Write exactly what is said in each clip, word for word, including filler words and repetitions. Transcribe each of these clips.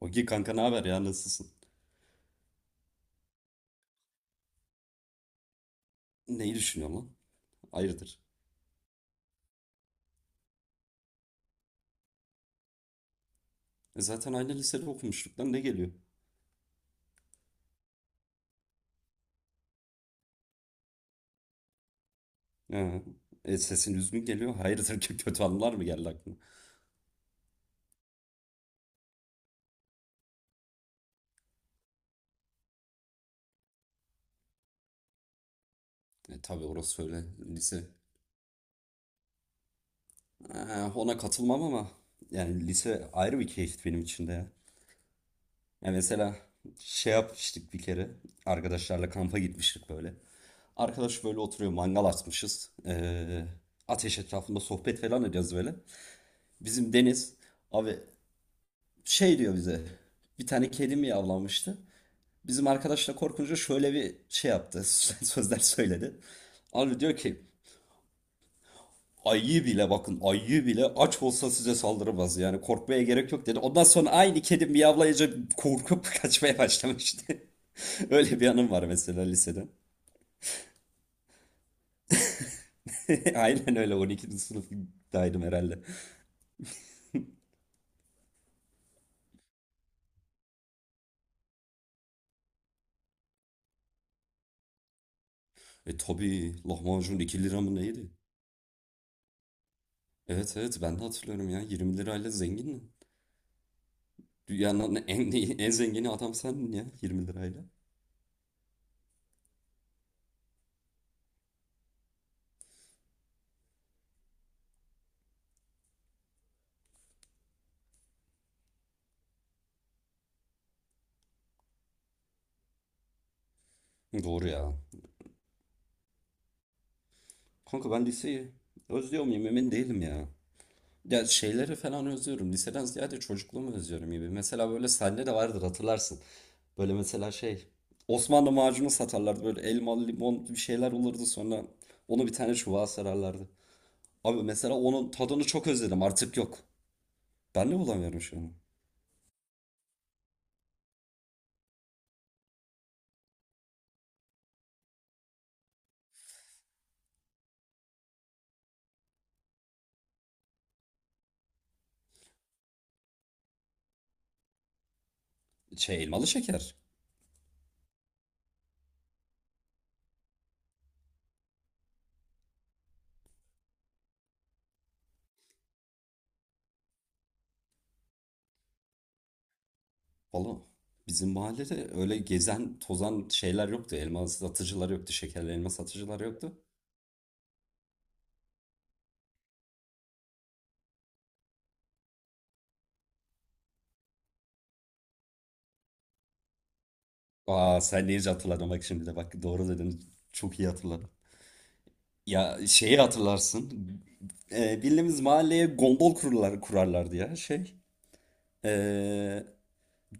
Ogi kanka, ne haber ya, nasılsın? Neyi düşünüyorsun lan? Hayırdır? E zaten aynı lisede okumuştuk lan, ne geliyor? Ha. E sesin üzgün geliyor. Hayırdır ki kötü anılar mı geldi aklına? E tabii orası öyle, lise. Ha, ona katılmam ama yani lise ayrı bir keyif benim için de ya. Ya mesela şey yapmıştık bir kere. Arkadaşlarla kampa gitmiştik böyle. Arkadaş böyle oturuyor, mangal açmışız. Ee, ateş etrafında sohbet falan ediyoruz böyle. Bizim Deniz abi şey diyor bize. Bir tane kedi mi yavlamıştı? Bizim arkadaşla korkunca şöyle bir şey yaptı. Sözler söyledi. Abi diyor ki ayı bile, bakın ayı bile aç olsa size saldırmaz, yani korkmaya gerek yok dedi. Ondan sonra aynı kedi miyavlayınca korkup kaçmaya başlamıştı. Öyle bir anım var mesela lisede. Aynen öyle, on ikinci sınıftaydım herhalde. E tabii lahmacun iki lira mı neydi? Evet, evet, ben de hatırlıyorum ya, yirmi lirayla zengindin. Dünyanın en, en zengini adam sendin ya yirmi lirayla. Doğru ya. Kanka ben liseyi özlüyor muyum emin değilim ya. Ya şeyleri falan özlüyorum. Liseden ziyade çocukluğumu özlüyorum gibi. Mesela böyle sende de vardır, hatırlarsın. Böyle mesela şey Osmanlı macunu satarlardı. Böyle elmalı, limon bir şeyler olurdu, sonra onu bir tane çubuğa sararlardı. Abi mesela onun tadını çok özledim, artık yok. Ben de bulamıyorum şu an. Şey, elmalı şeker. Valla bizim mahallede öyle gezen tozan şeyler yoktu. Elma satıcılar yoktu. Şekerli elma satıcılar yoktu. Aa, sen neyince hatırladın, bak şimdi de bak doğru dedin. Çok iyi hatırladım. Ya şeyi hatırlarsın. Ee, bildiğimiz mahalleye gondol kururlar, kurarlardı ya şey. Ee,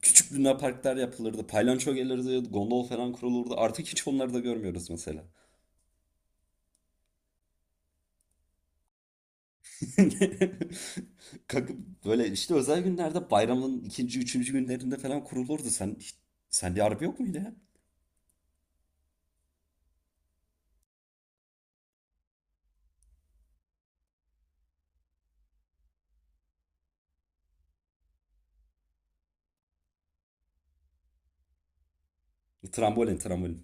Küçük lunaparklar yapılırdı. Paylanço gelirdi. Gondol falan kurulurdu. Artık hiç onları da görmüyoruz mesela. Kanka böyle işte özel günlerde, bayramın ikinci, üçüncü günlerinde falan kurulurdu. Sen hiç- sende harbi yok muydu ya? Trambolin, trambolin.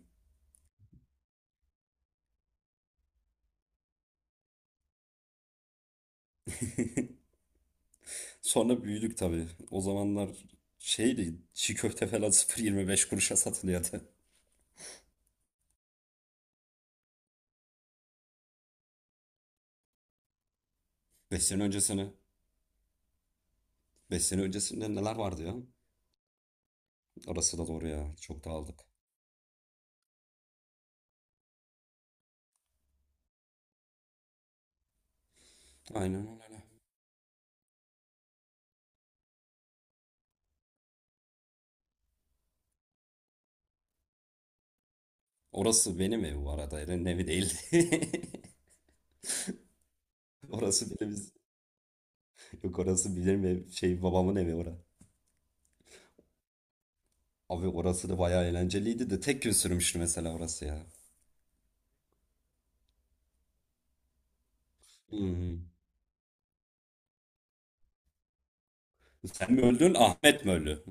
Sonra büyüdük tabii. O zamanlar şeydi, çiğ köfte falan sıfır yirmi beş kuruşa satılıyordu. Beş sene öncesine. Beş sene öncesinde neler vardı ya? Orası da doğru ya. Çok dağıldık. Aynen öyle. Orası benim ev bu arada. Eren'in evi değil. Orası benim, Yok, orası benim ev. Şey, babamın evi orası. Abi orası da bayağı eğlenceliydi de tek gün sürmüştü mesela orası ya. Hmm. Sen mi öldün, Ahmet mi öldü?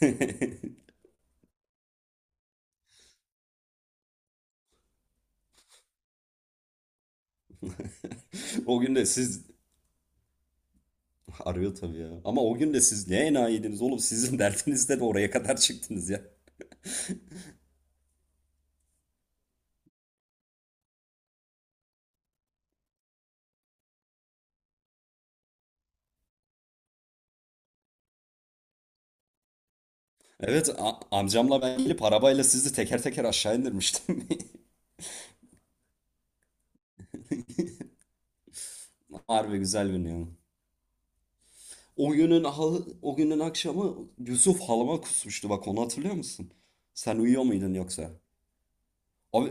O gün de siz arıyor tabii ya. Ama o gün de siz ne enayiydiniz oğlum? Sizin dertinizle de oraya kadar çıktınız ya. Evet a- amcamla ben gelip arabayla sizi teker teker aşağı indirmiştim. Harbi güzel gün ya. O günün hal- o günün akşamı Yusuf halıma kusmuştu, bak onu hatırlıyor musun? Sen uyuyor muydun yoksa? Abi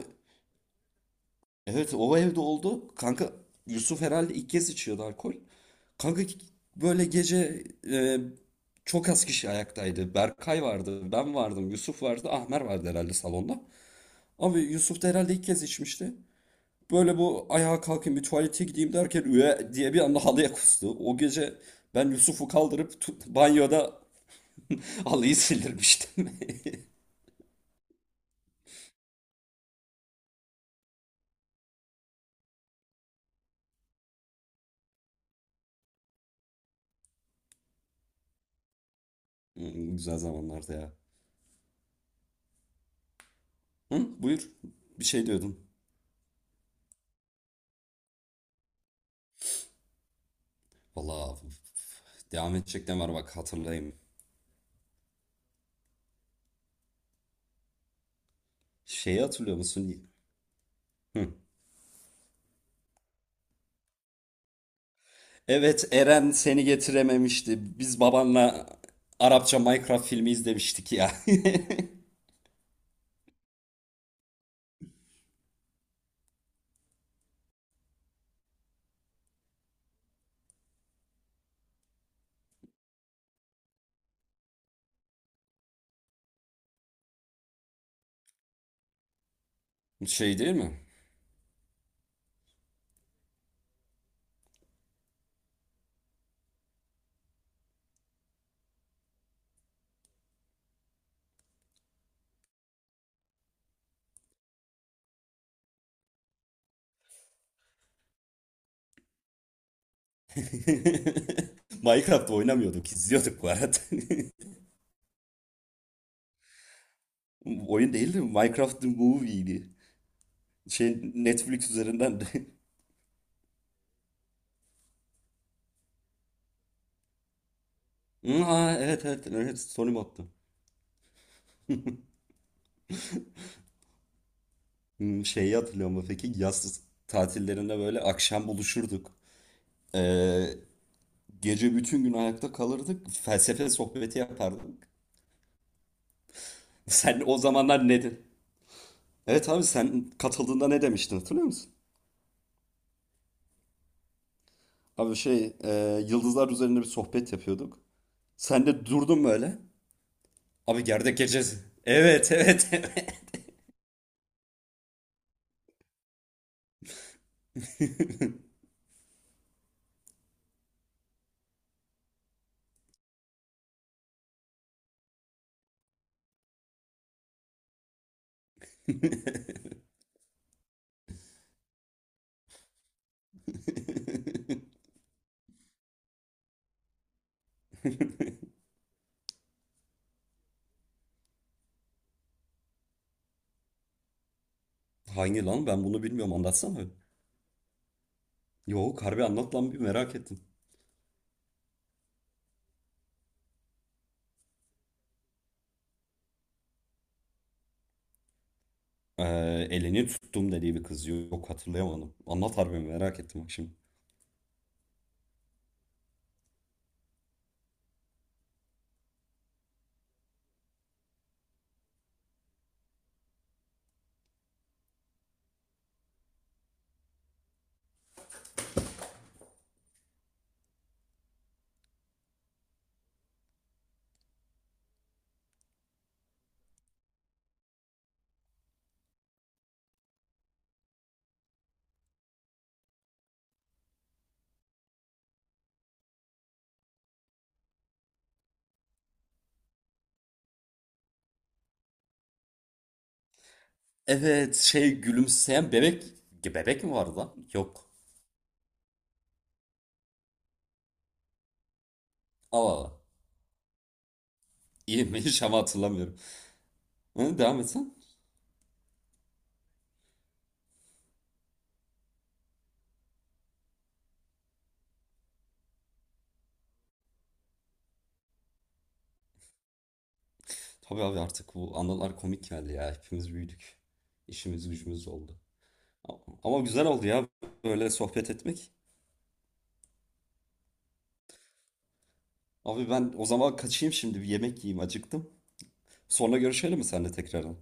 evet, o evde oldu. Kanka Yusuf herhalde ilk kez içiyordu alkol. Kanka böyle gece e, çok az kişi ayaktaydı. Berkay vardı, ben vardım, Yusuf vardı, Ahmer vardı herhalde salonda. Abi Yusuf da herhalde ilk kez içmişti. Böyle bu, ayağa kalkayım bir tuvalete gideyim derken üye diye bir anda halıya kustu. O gece ben Yusuf'u kaldırıp tu- banyoda halıyı sildirmiştim. Hmm, güzel zamanlardı ya. Hı, buyur. Bir şey diyordun. Vallahi devam edecek ne var, bak hatırlayayım. Şeyi hatırlıyor musun? Hı. Evet, Eren seni getirememişti. Biz babanla Arapça Minecraft filmi izlemiştik ya. Şey değil mi? Minecraft oynamıyorduk, izliyorduk bu arada. Oyun değildi, Minecraft the Movie'ydi. Şey, Netflix üzerinden de. Hı, aa, evet, evet, evet, Sony attım. Hmm, şeyi hatırlıyor musun peki? Yaz tatillerinde böyle akşam buluşurduk. Ee, Gece bütün gün ayakta kalırdık. Felsefe sohbeti yapardık. Sen o zamanlar ne dedin? Evet abi, sen katıldığında ne demiştin hatırlıyor musun? Abi şey e, yıldızlar üzerinde bir sohbet yapıyorduk. Sen de durdun böyle. Abi gerdek gecesi. Evet, evet, evet. Hangi lan, ben bunu bilmiyorum, anlatsana. Yok harbi, anlat lan, bir merak ettim. Ee, Elini tuttum dediği bir kız yok, hatırlayamadım. Anlat harbi, merak ettim bak şimdi. Evet, şey, gülümseyen bebek. Ge- Bebek mi vardı lan? Yok. Allah Allah. Yemeği ama hatırlamıyorum. Hı, devam etsen. Tabii abi, artık bu anılar komik geldi ya. Hepimiz büyüdük. İşimiz gücümüz oldu. Ama güzel oldu ya böyle sohbet etmek. Abi ben o zaman kaçayım, şimdi bir yemek yiyeyim, acıktım. Sonra görüşelim mi seninle tekrardan?